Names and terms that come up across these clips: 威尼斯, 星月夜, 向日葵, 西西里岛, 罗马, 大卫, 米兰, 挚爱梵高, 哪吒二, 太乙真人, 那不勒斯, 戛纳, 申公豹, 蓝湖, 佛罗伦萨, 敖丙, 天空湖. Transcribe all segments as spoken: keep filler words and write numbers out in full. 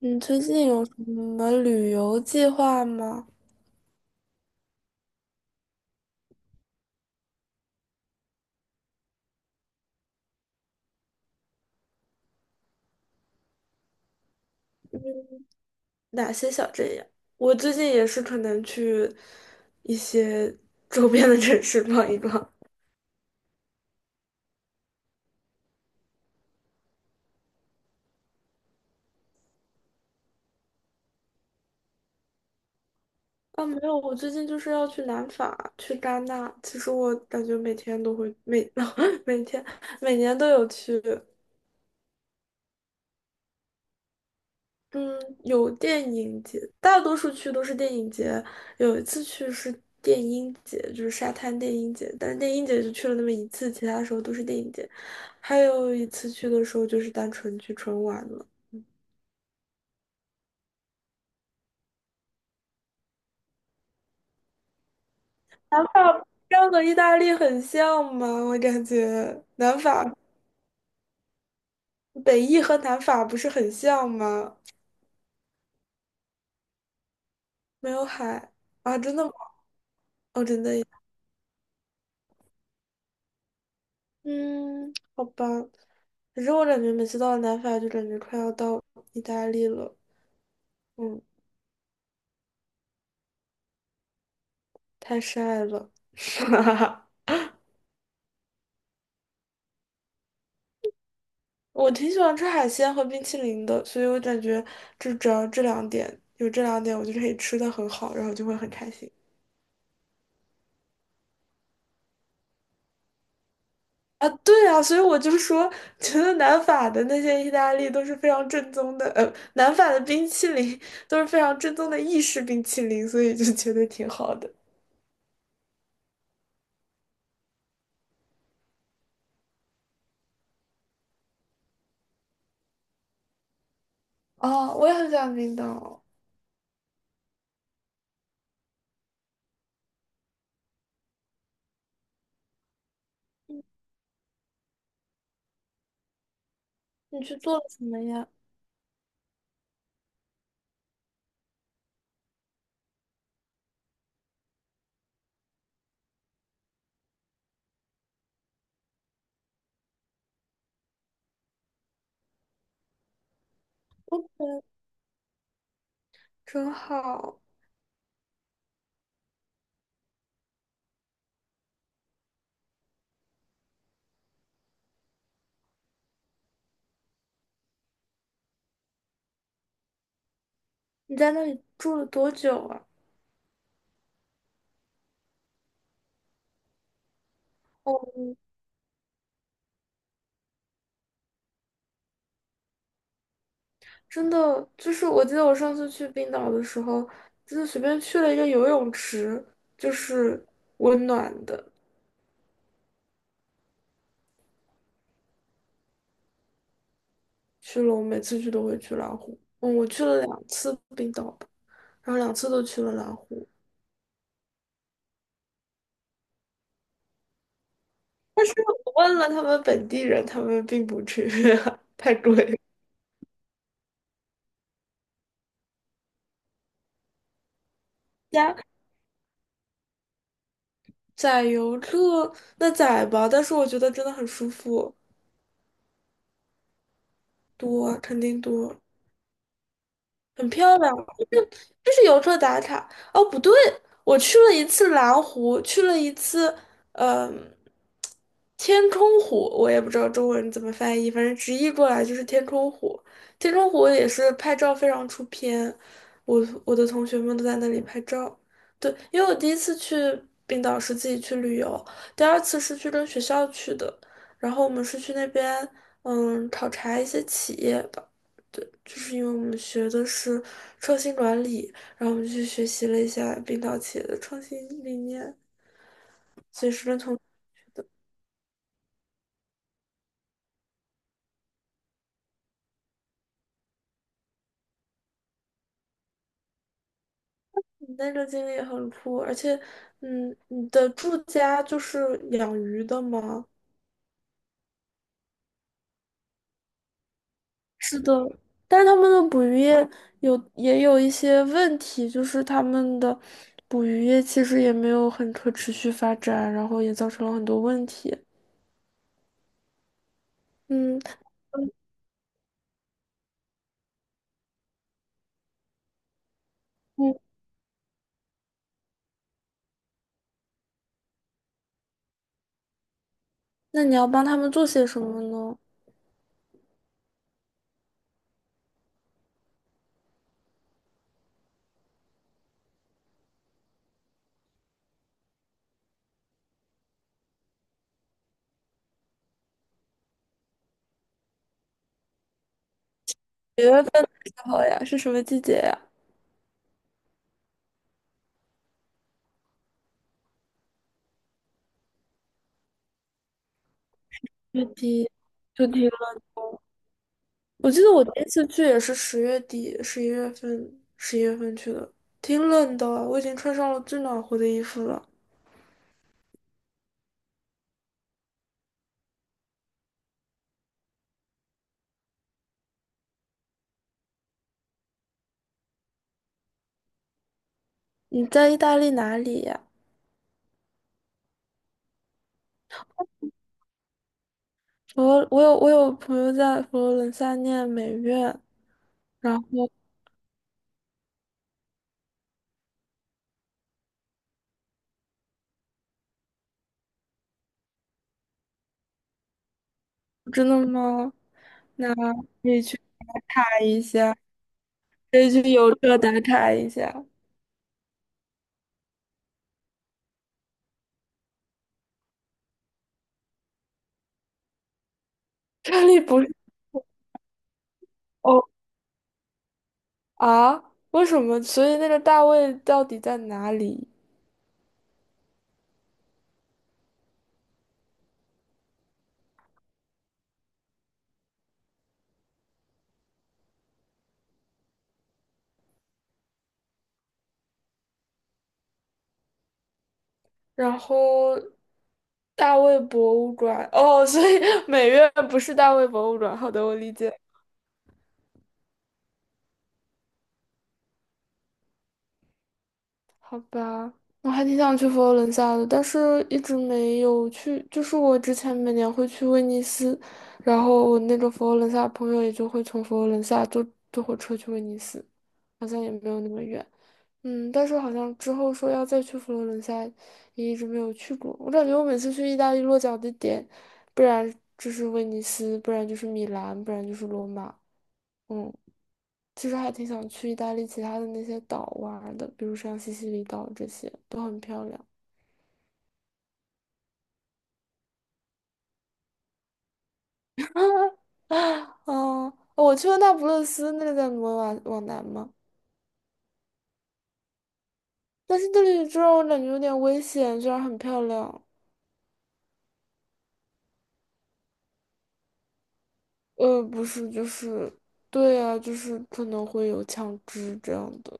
你最近有什么旅游计划吗？哪些小镇呀？我最近也是可能去一些 周边的城市逛一逛。啊，没有，我最近就是要去南法，去戛纳。其实我感觉每天都会每 每天每年都有去。嗯，有电影节，大多数去都是电影节。有一次去是电音节，就是沙滩电音节，但是电音节就去了那么一次，其他时候都是电影节。还有一次去的时候就是单纯去纯玩了。这样和意大利很像吗？我感觉南法、北意和南法不是很像吗？没有海。啊，真的吗？哦，真的，嗯，好吧。可是我感觉每次到了南法，就感觉快要到意大利了。嗯。太晒了。我挺喜欢吃海鲜和冰淇淋的，所以我感觉就只要这两点，有这两点，我就可以吃的很好，然后就会很开心。啊，对啊，所以我就说，觉得南法的那些意大利都是非常正宗的，呃，南法的冰淇淋都是非常正宗的意式冰淇淋，所以就觉得挺好的。哦，我也很想欢冰岛。你去做了什么呀？真好。你在那里住了多久啊？真的，就是我记得我上次去冰岛的时候，就是随便去了一个游泳池，就是温暖的。去了，我每次去都会去蓝湖。嗯，我去了两次冰岛吧，然后两次都去了蓝湖。但是我问了他们本地人，他们并不去，太贵了。加载游客那载吧，但是我觉得真的很舒服，多肯定多。很漂亮，就是就是游客打卡。哦，不对，我去了一次蓝湖，去了一次，嗯、天空湖，我也不知道中文怎么翻译，反正直译过来就是天空湖。天空湖也是拍照非常出片，我我的同学们都在那里拍照。对，因为我第一次去冰岛是自己去旅游，第二次是去跟学校去的，然后我们是去那边，嗯，考察一些企业吧。对，就是因为我们学的是创新管理，然后我们去学习了一下冰岛企业的创新理念。你那个经历也很酷，而且，嗯，你的住家就是养鱼的吗？是的，但是他们的捕鱼业有也有一些问题，就是他们的捕鱼业其实也没有很可持续发展，然后也造成了很多问题。嗯嗯，那你要帮他们做些什么呢？九月份好呀？是什么季节呀？月底就底了。我记得我第一次去也是十月底、十一月份、十一月份去的，挺冷的，我已经穿上了最暖和的衣服了。你在意大利哪里呀？我我有我有朋友在佛罗伦萨念美院，然后真的吗？那可以去看一下，可以去邮车打卡一下。这里不是哦。啊？为什么？所以那个大卫到底在哪里？然后大卫博物馆，哦，所以 美院不是大卫博物馆。好的，我理解。好吧，我还挺想去佛罗伦萨的，但是一直没有去。就是我之前每年会去威尼斯，然后我那个佛罗伦萨朋友也就会从佛罗伦萨坐坐火车去威尼斯，好像也没有那么远。嗯，但是好像之后说要再去佛罗伦萨，也一直没有去过。我感觉我每次去意大利落脚的点，不然就是威尼斯，不然就是米兰，不然就是罗马。嗯，其实还挺想去意大利其他的那些岛玩儿的，比如像西西里岛这些都很漂亮。嗯，我去过那不勒斯，那个在罗马往南嘛，但是那里就让我感觉有点危险，虽然很漂亮。呃，不是，就是，对啊，就是可能会有枪支这样的。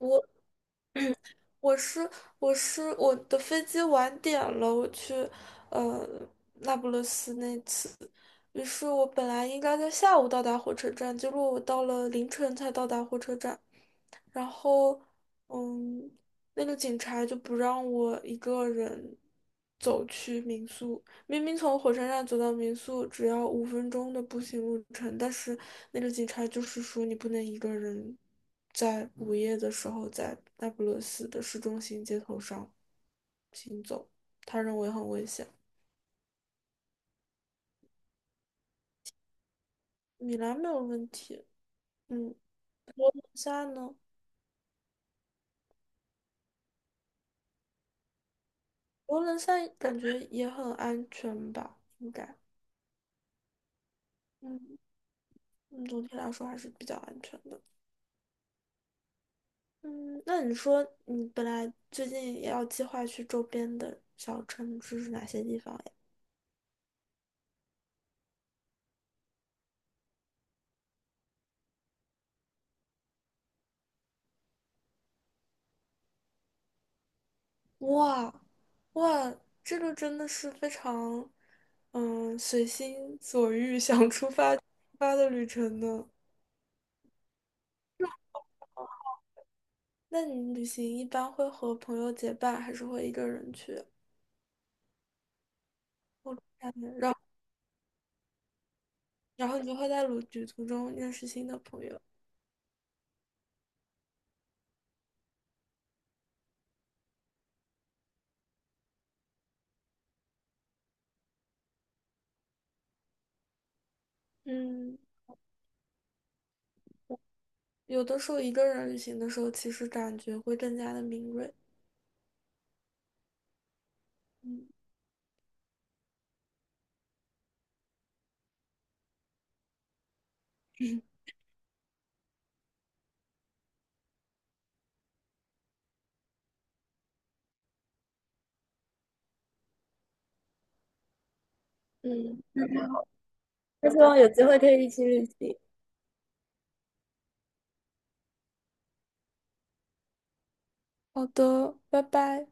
我。我是我是我的飞机晚点了，我去呃那不勒斯那次，于是我本来应该在下午到达火车站，结果我到了凌晨才到达火车站。然后，嗯，那个警察就不让我一个人走去民宿。明明从火车站走到民宿只要五分钟的步行路程，但是那个警察就是说你不能一个人在午夜的时候在那不勒斯的市中心街头上行走，他认为很危险。米兰没有问题，嗯，现在呢？佛罗伦萨感觉也很安全吧，应该。嗯。嗯，总体来说还是比较安全的。嗯，那你说你本来最近也要计划去周边的小城市是哪些地方呀？哇，哇，这个真的是非常，嗯，随心所欲 想出发就出发的旅程呢。那你旅行一般会和朋友结伴，还是会一个人去？我然后然后你就会在旅旅途中认识新的朋友。嗯，有的时候一个人旅行的时候，其实感觉会更加的敏锐。嗯，嗯，嗯，好的，拜拜。